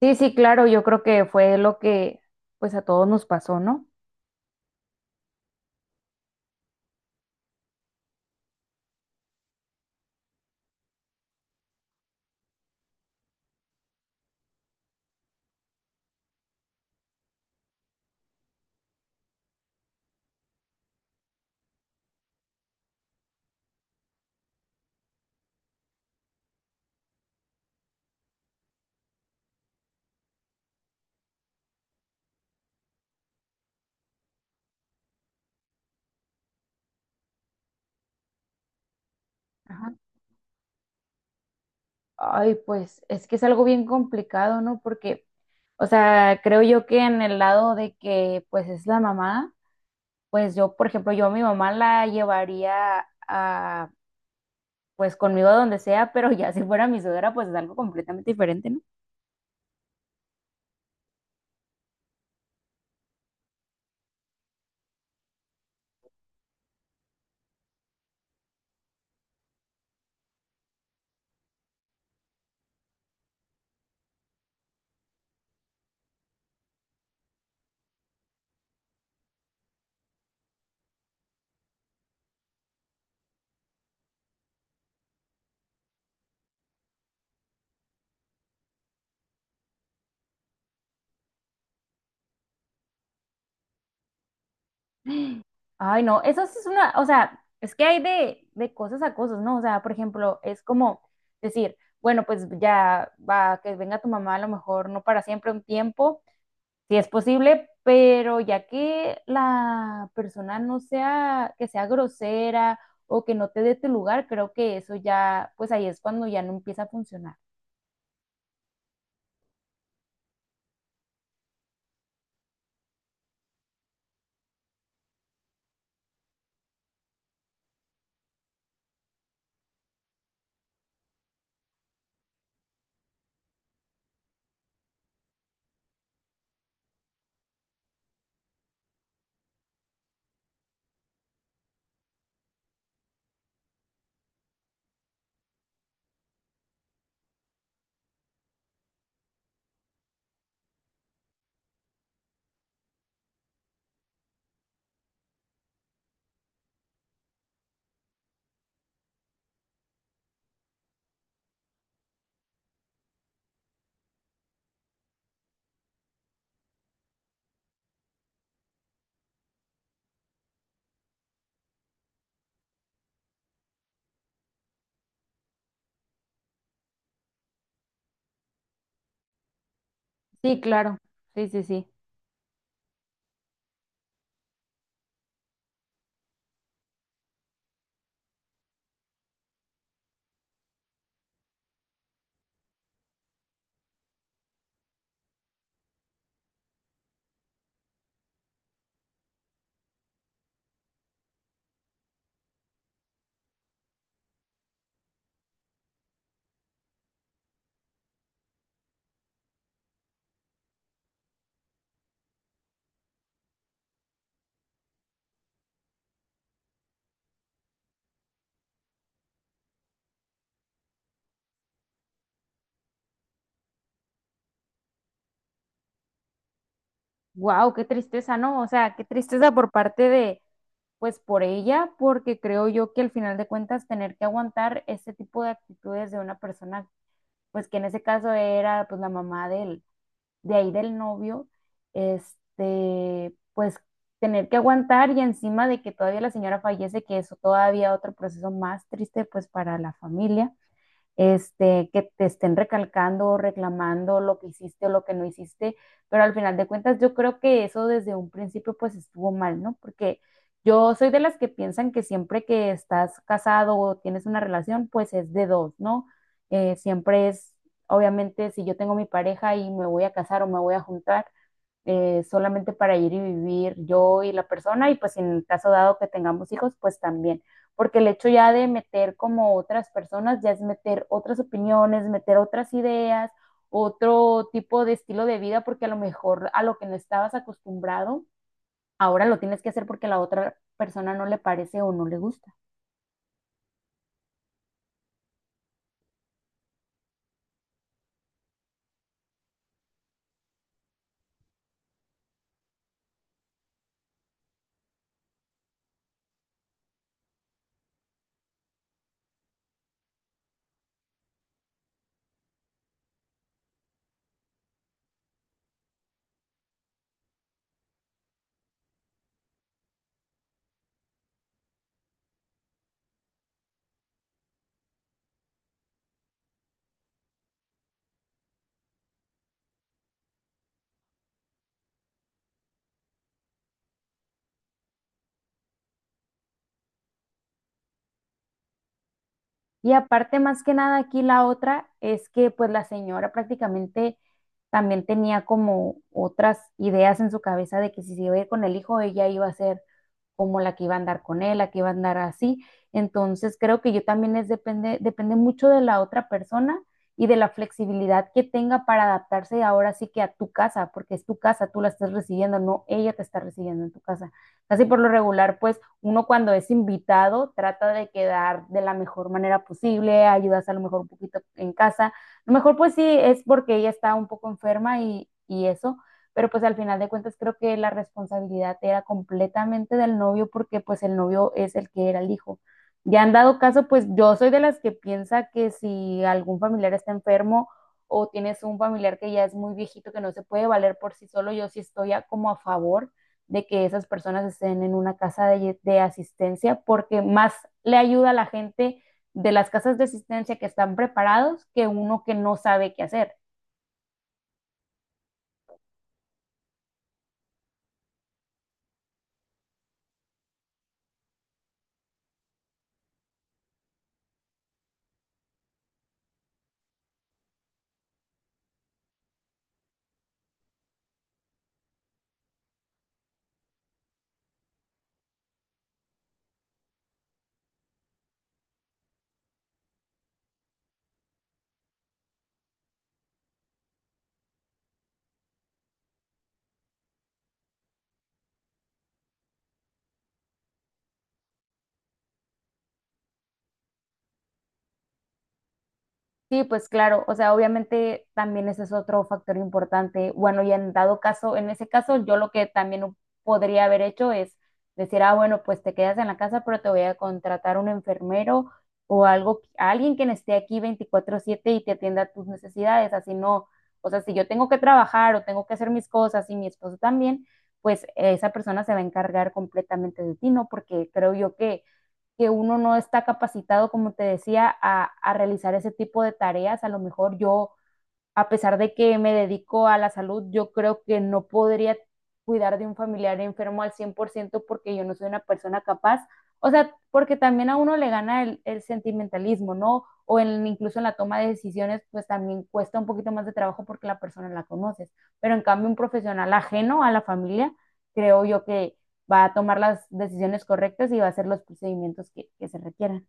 Sí, sí, claro, yo creo que fue lo que pues a todos nos pasó, ¿no? Ajá. Ay, pues es que es algo bien complicado, ¿no? Porque, o sea, creo yo que en el lado de que pues es la mamá, pues yo, por ejemplo, yo a mi mamá la llevaría a pues conmigo a donde sea, pero ya si fuera mi suegra, pues es algo completamente diferente, ¿no? Ay, no, eso sí es una, o sea, es que hay de cosas a cosas, ¿no? O sea, por ejemplo, es como decir, bueno, pues ya va, que venga tu mamá a lo mejor no para siempre un tiempo, si es posible, pero ya que la persona no sea, que sea grosera o que no te dé tu lugar, creo que eso ya, pues ahí es cuando ya no empieza a funcionar. Sí, claro, sí, sí, sí. Wow, qué tristeza, ¿no? O sea, qué tristeza por parte de, pues por ella, porque creo yo que al final de cuentas tener que aguantar este tipo de actitudes de una persona, pues que en ese caso era pues la mamá del, de ahí del novio, este, pues tener que aguantar y encima de que todavía la señora fallece, que eso todavía otro proceso más triste pues para la familia este, que te estén recalcando o reclamando lo que hiciste o lo que no hiciste, pero al final de cuentas yo creo que eso desde un principio pues estuvo mal, ¿no? Porque yo soy de las que piensan que siempre que estás casado o tienes una relación pues es de dos, ¿no? Siempre es, obviamente, si yo tengo mi pareja y me voy a casar o me voy a juntar, solamente para ir y vivir yo y la persona y pues en el caso dado que tengamos hijos, pues también, porque el hecho ya de meter como otras personas, ya es meter otras opiniones, meter otras ideas, otro tipo de estilo de vida, porque a lo mejor a lo que no estabas acostumbrado, ahora lo tienes que hacer porque a la otra persona no le parece o no le gusta. Y aparte, más que nada, aquí la otra es que pues la señora prácticamente también tenía como otras ideas en su cabeza de que si se iba a ir con el hijo, ella iba a ser como la que iba a andar con él, la que iba a andar así. Entonces creo que yo también es depende mucho de la otra persona y de la flexibilidad que tenga para adaptarse ahora sí que a tu casa, porque es tu casa, tú la estás recibiendo, no ella te está recibiendo en tu casa. Casi por lo regular, pues uno cuando es invitado trata de quedar de la mejor manera posible, ayudas a lo mejor un poquito en casa. A lo mejor pues sí es porque ella está un poco enferma y eso, pero pues al final de cuentas creo que la responsabilidad era completamente del novio porque pues el novio es el que era el hijo. Ya han dado caso, pues yo soy de las que piensa que si algún familiar está enfermo o tienes un familiar que ya es muy viejito que no se puede valer por sí solo, yo sí estoy a, como a favor de que esas personas estén en una casa de asistencia porque más le ayuda a la gente de las casas de asistencia que están preparados que uno que no sabe qué hacer. Sí, pues claro, o sea, obviamente también ese es otro factor importante. Bueno, y en dado caso, en ese caso, yo lo que también podría haber hecho es decir, ah, bueno, pues te quedas en la casa, pero te voy a contratar un enfermero o algo, a alguien que esté aquí 24/7 y te atienda tus necesidades, así no. O sea, si yo tengo que trabajar o tengo que hacer mis cosas y mi esposo también, pues esa persona se va a encargar completamente de ti, ¿no? Porque creo yo que uno no está capacitado, como te decía, a realizar ese tipo de tareas. A lo mejor yo a pesar de que me dedico a la salud, yo creo que no podría cuidar de un familiar enfermo al 100% porque yo no soy una persona capaz. O sea, porque también a uno le gana el sentimentalismo, ¿no? O incluso en la toma de decisiones, pues también cuesta un poquito más de trabajo porque la persona la conoces. Pero en cambio, un profesional ajeno a la familia, creo yo que va a tomar las decisiones correctas y va a hacer los procedimientos que se requieran.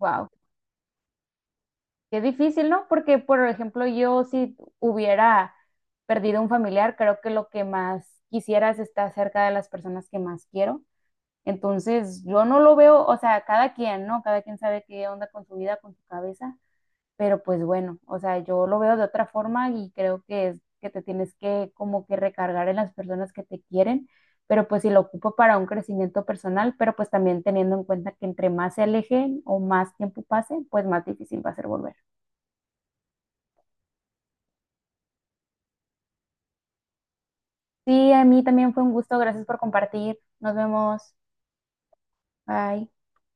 Wow. Qué difícil, ¿no? Porque, por ejemplo, yo si hubiera perdido un familiar, creo que lo que más quisiera es estar cerca de las personas que más quiero. Entonces, yo no lo veo, o sea, cada quien, ¿no? Cada quien sabe qué onda con su vida, con su cabeza, pero pues bueno, o sea, yo lo veo de otra forma y creo que es que te tienes que como que recargar en las personas que te quieren, pero pues si lo ocupo para un crecimiento personal, pero pues también teniendo en cuenta que entre más se alejen o más tiempo pase, pues más difícil va a ser volver. Sí, a mí también fue un gusto. Gracias por compartir. Nos vemos. Bye.